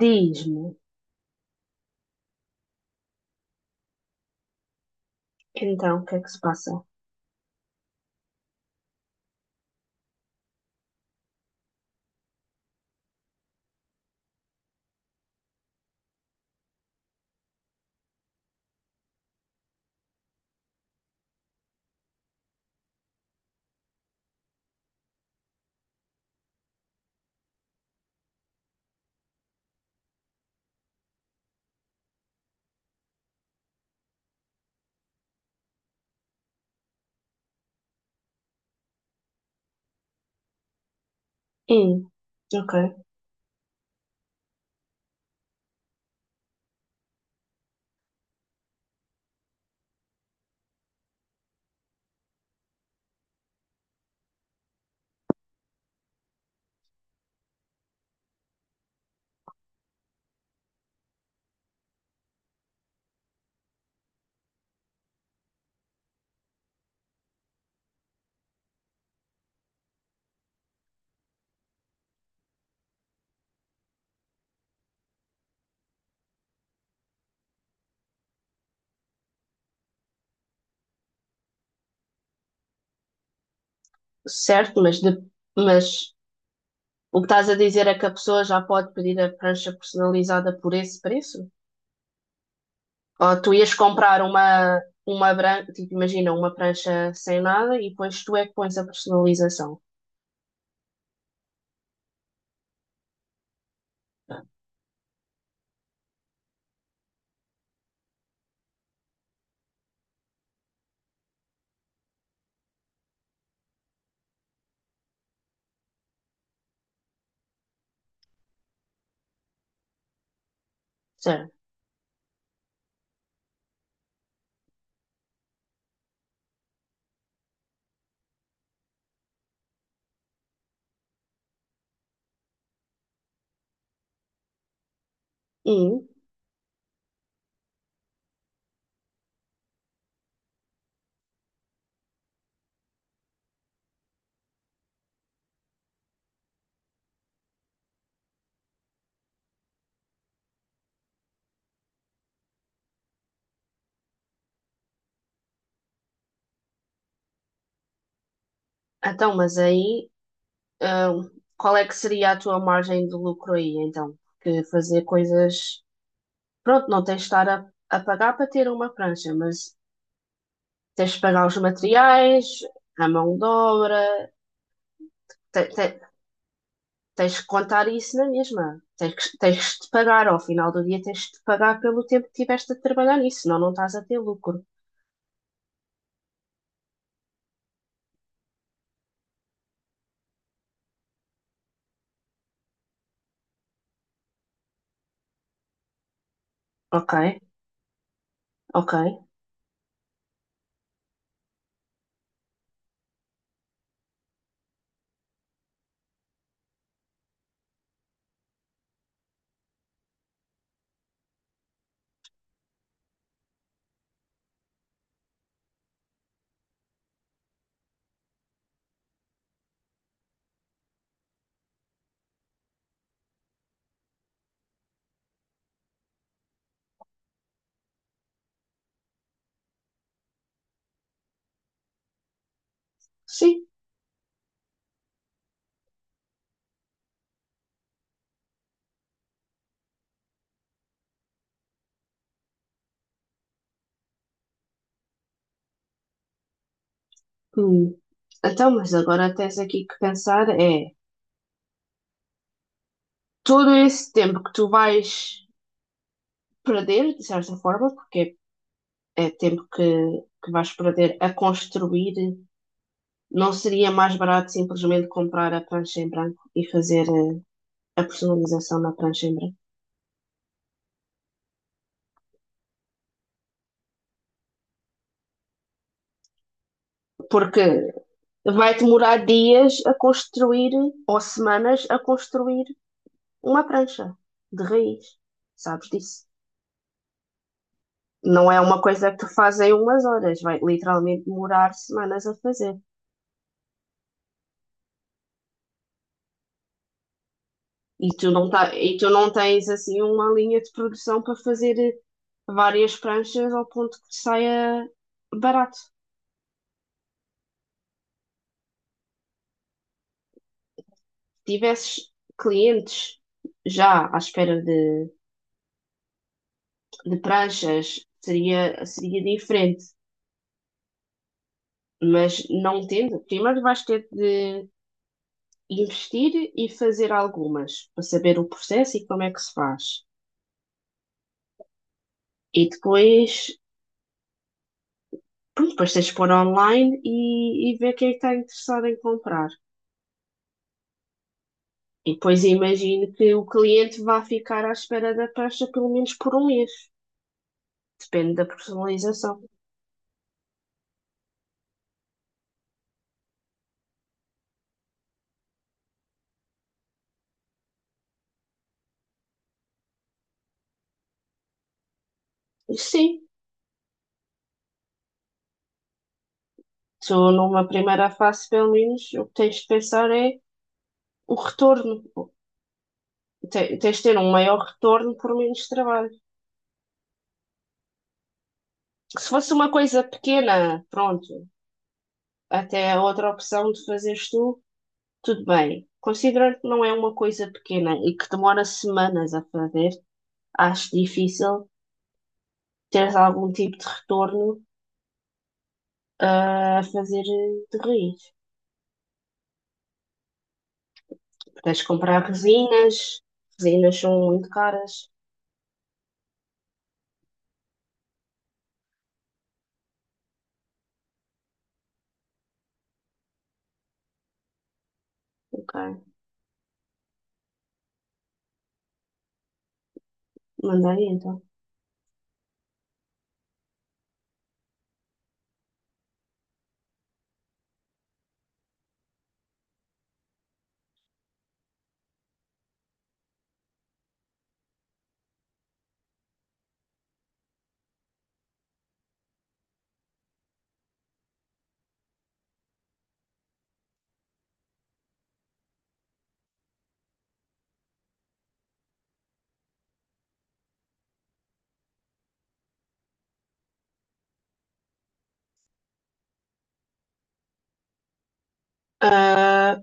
Diz-me, então, o que é que se passa? Hum, ok. Certo, mas, mas o que estás a dizer é que a pessoa já pode pedir a prancha personalizada por esse preço? Ou tu ias comprar uma branca, tipo, imagina, uma prancha sem nada e depois tu é que pões a personalização, certo? Hum, então, mas aí, hum, qual é que seria a tua margem de lucro aí, então? Que fazer coisas... Pronto, não tens de estar a pagar para ter uma prancha, mas tens de pagar os materiais, a mão de obra, te- te- tens que contar isso na mesma. Tens, tens de pagar, ao final do dia tens de pagar pelo tempo que tiveste a trabalhar nisso, senão não estás a ter lucro. Ok, ok, sim. Hum. Então, mas agora tens aqui que pensar é todo esse tempo que tu vais perder, de certa forma, porque é tempo que vais perder a construir, não seria mais barato simplesmente comprar a prancha em branco e fazer. Eh, a personalização na prancha em branco. Porque vai demorar dias a construir, ou semanas a construir uma prancha de raiz. Sabes disso? Não é uma coisa que tu fazes em umas horas, vai literalmente demorar semanas a fazer. E tu não, tá, e tu não tens assim uma linha de produção para fazer várias pranchas ao ponto que saia barato. Se tivesses clientes já à espera de pranchas, seria, seria diferente. Mas não tendo, primeiro vais ter de investir e fazer algumas para saber o processo e como é que se faz. E depois, pronto, depois tens de pôr online e ver quem está interessado em comprar. E depois imagino que o cliente vá ficar à espera da prancha pelo menos por um mês. Depende da personalização. E sim, tu numa primeira fase, pelo menos, o que tens de pensar é o retorno. Tens de ter um maior retorno por menos trabalho. Se fosse uma coisa pequena, pronto, até a outra opção de fazeres tu, tudo bem. Considerando que não é uma coisa pequena e que demora semanas a fazer, acho difícil teres algum tipo de retorno a fazer de raiz. Tens de comprar resinas, resinas são muito caras. Ok, manda aí então. Ah,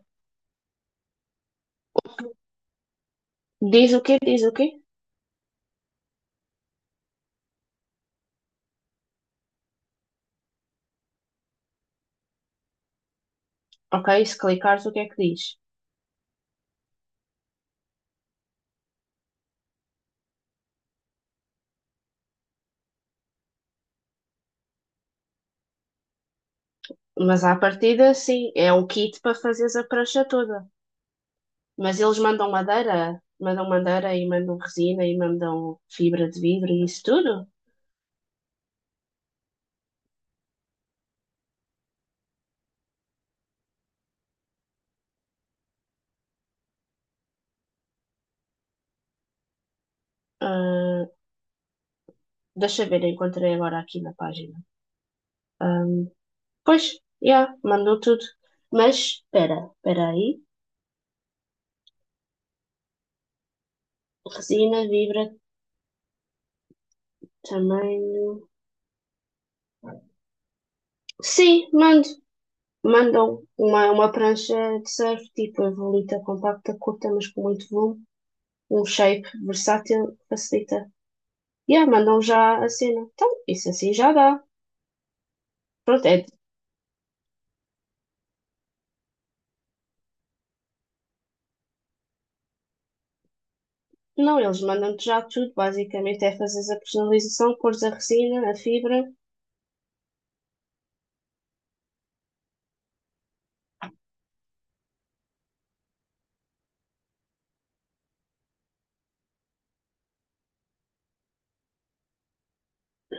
diz o quê? Diz o quê? Ok, se clicares, o que é que diz? Mas à partida, sim, é um kit para fazeres a prancha toda. Mas eles mandam madeira e mandam resina e mandam fibra de vidro e isso tudo. Ah, deixa eu ver, encontrei agora aqui na página. Ahm, pois, já, mandou tudo. Mas espera, espera aí. Resina, vibra, tamanho. Sim, mando. Mandam uma prancha de surf, tipo a volita compacta, curta, mas com muito volume. Um shape versátil, facilita. Yeah, mandam já a cena. Então, isso assim já dá. Pronto, é Não, eles mandam-te já tudo, basicamente é fazeres a personalização, cores a resina, a fibra,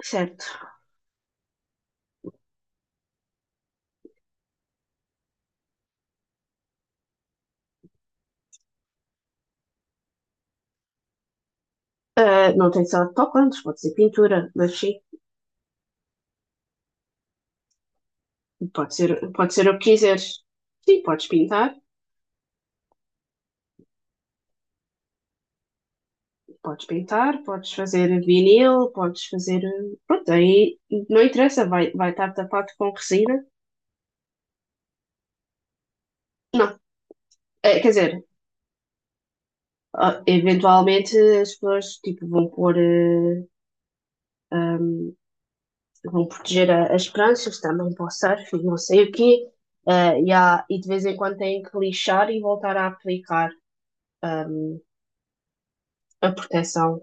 certo. Ah, não tem que ser autocolantes, pode ser pintura, mas sim, pode ser o que quiseres. Sim, podes pintar, podes pintar, podes fazer vinil, Pronto, aí não interessa, vai, vai estar tapado com resina. Não, quer dizer, eventualmente as pessoas tipo, vão pôr vão proteger as pranchas também para o surf e não sei o quê. Ah, e, e de vez em quando têm que lixar e voltar a aplicar a proteção.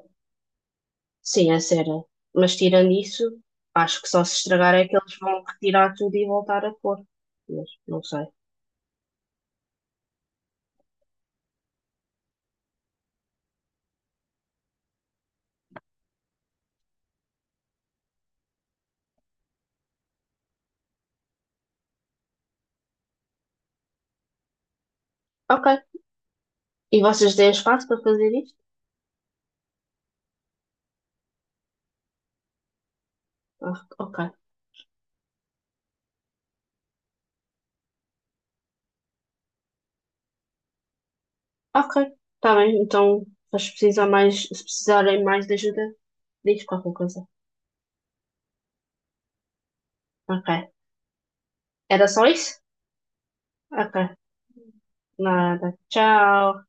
Sim, a cera. Mas tirando isso, acho que só se estragar é que eles vão retirar tudo e voltar a pôr. Mas não sei. Ok. E vocês têm espaço para fazer isto? Ah, ok. Ok. Está bem. Então, mas se precisar mais, se precisarem mais de ajuda, diz qualquer coisa. Ok. Era só isso? Ok. Nada. Tchau.